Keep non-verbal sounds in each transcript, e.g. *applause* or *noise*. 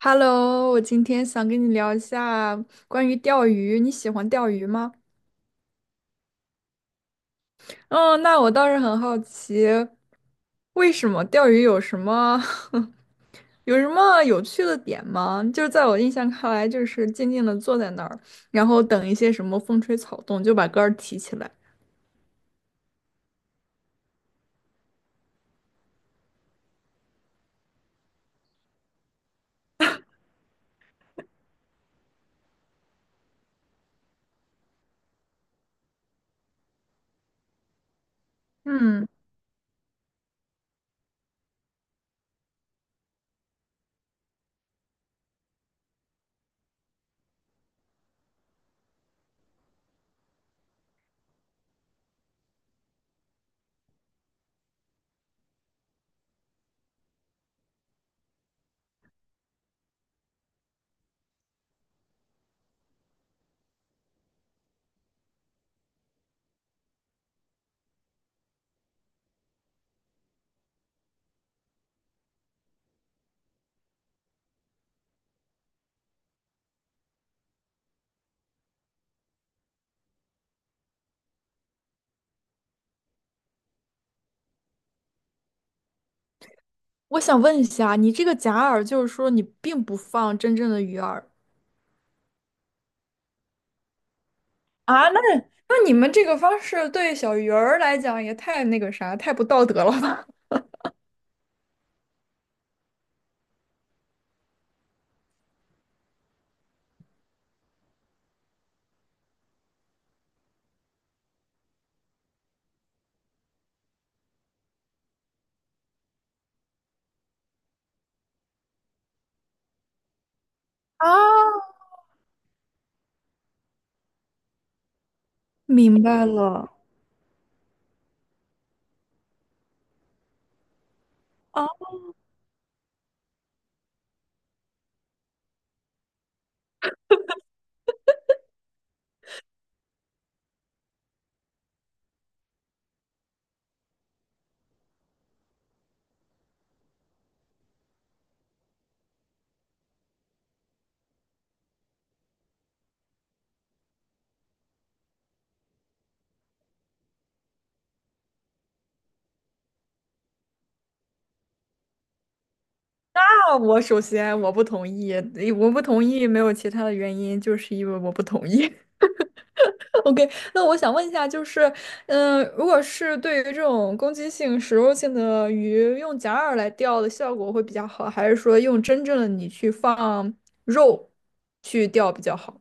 Hello，我今天想跟你聊一下关于钓鱼，你喜欢钓鱼吗？嗯，那我倒是很好奇，为什么钓鱼有什么 *laughs* 有什么有趣的点吗？就是在我印象看来，就是静静的坐在那儿，然后等一些什么风吹草动，就把竿儿提起来。嗯，我想问一下，你这个假饵就是说你并不放真正的鱼饵啊？那你们这个方式对小鱼儿来讲也太那个啥，太不道德了吧？啊，明白了。啊，我首先我不同意，诶我不同意没有其他的原因，就是因为我不同意。*laughs* OK，那我想问一下，就是，嗯、如果是对于这种攻击性、食肉性的鱼，用假饵来钓的效果会比较好，还是说用真正的你去放肉去钓比较好？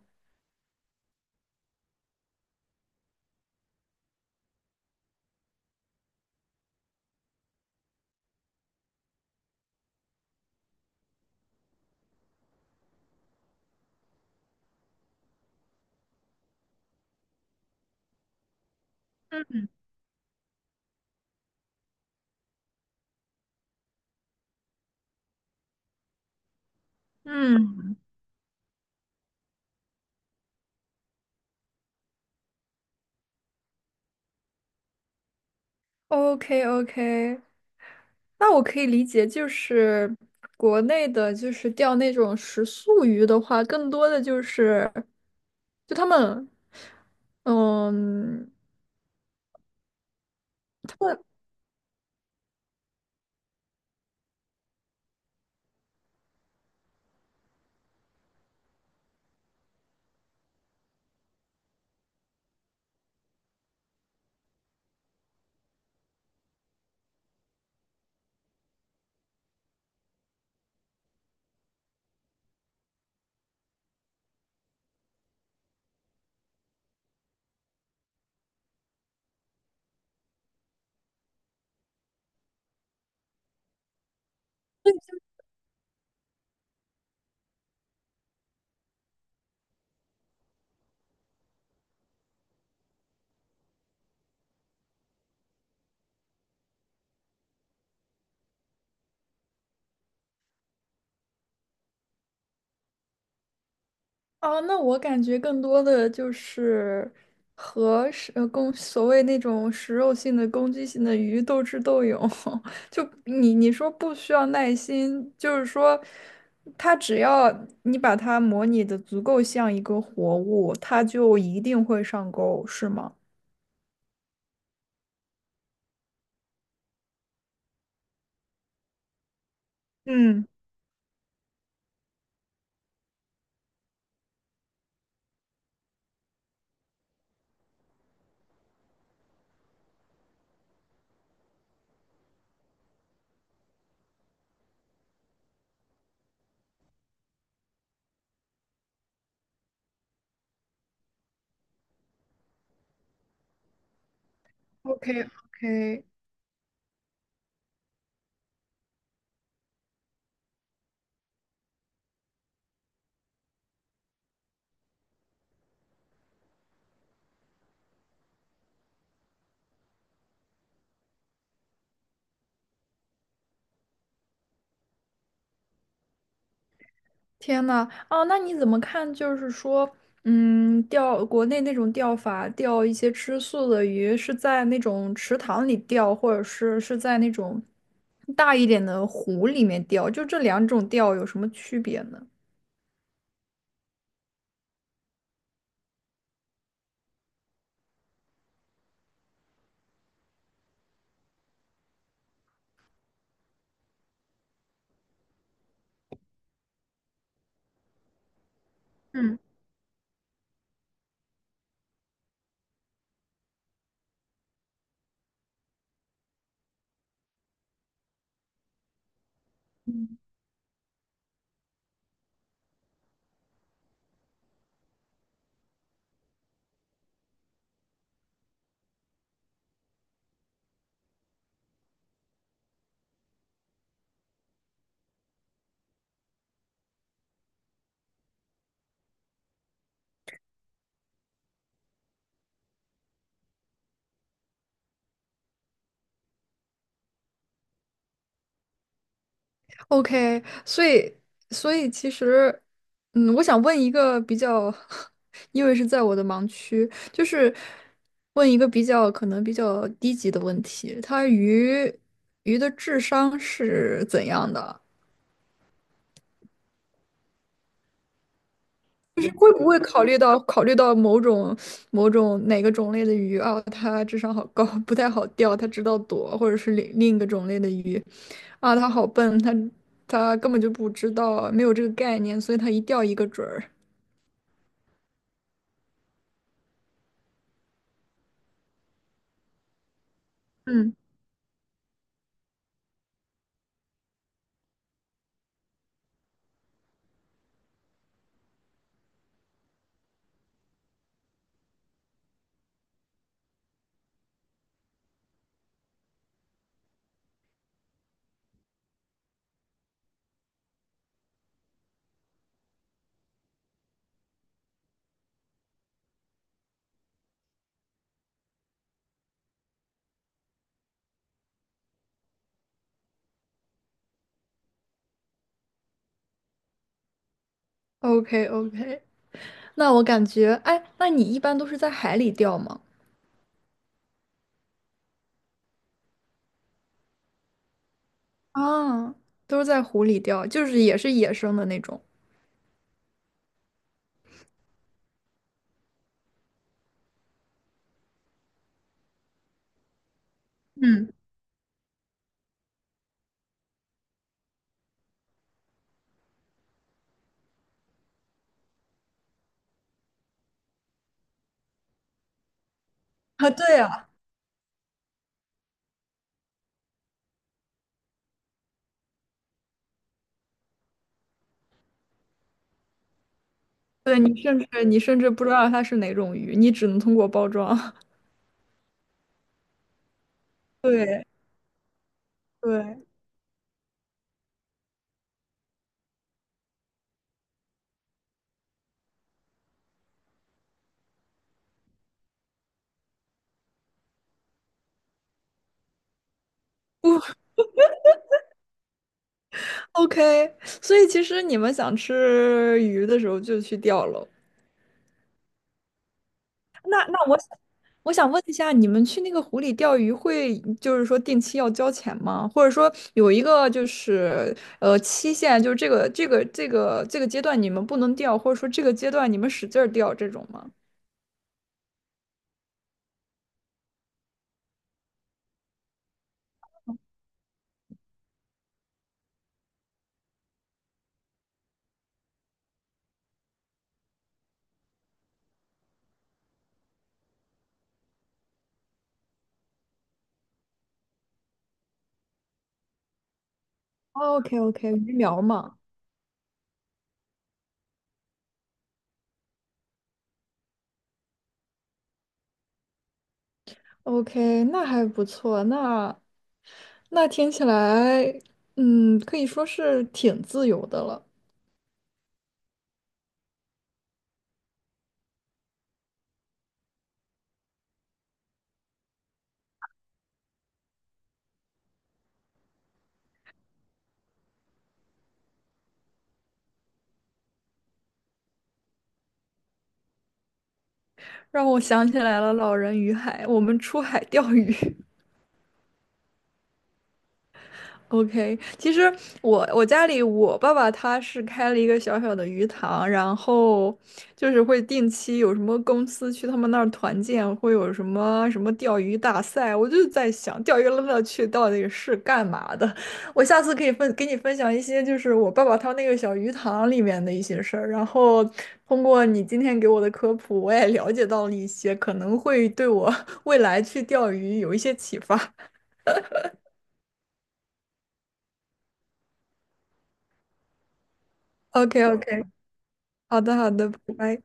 嗯嗯 o k o k 那我可以理解，就是国内的，就是钓那种食素鱼的话，更多的就是，就他们，嗯，哦，那我感觉更多的就是和食攻所谓那种食肉性的攻击性的鱼斗智斗勇，*laughs* 就你说不需要耐心，就是说，它只要你把它模拟的足够像一个活物，它就一定会上钩，是吗？嗯。OK OK，天呐，哦，那你怎么看？就是说，嗯，钓国内那种钓法，钓一些吃素的鱼，是在那种池塘里钓，或者是在那种大一点的湖里面钓，就这两种钓有什么区别呢？嗯。OK，所以所以其实，嗯，我想问一个比较，*laughs* 因为是在我的盲区，就是问一个比较可能比较低级的问题，它鱼的智商是怎样的？就是会不会考虑到某种哪个种类的鱼啊，它智商好高，*laughs* 不太好钓，它知道躲，或者是另一个种类的鱼，啊，它好笨，它根本就不知道，没有这个概念，所以它一钓一个准儿。嗯，OK OK，那我感觉，哎，那你一般都是在海里钓吗？啊，都是在湖里钓，就是也是野生的那种。嗯，啊，对呀，对，你甚至不知道它是哪种鱼，你只能通过包装。*laughs* 对对。OK，所以其实你们想吃鱼的时候就去钓喽。那我想问一下，你们去那个湖里钓鱼会，就是说定期要交钱吗？或者说有一个就是期限，就是这个阶段你们不能钓，或者说这个阶段你们使劲儿钓这种吗？OK OK，鱼苗嘛，OK，那还不错，那听起来，嗯，可以说是挺自由的了。让我想起来了老人与海，我们出海钓鱼。OK，其实我家里我爸爸他是开了一个小小的鱼塘，然后就是会定期有什么公司去他们那儿团建，会有什么什么钓鱼大赛。我就在想，钓鱼的乐趣到底是干嘛的？我下次可以分给你分享一些，就是我爸爸他那个小鱼塘里面的一些事儿。然后通过你今天给我的科普，我也了解到了一些，可能会对我 *laughs* 未来去钓鱼有一些启发。OK OK，好的好的，拜拜。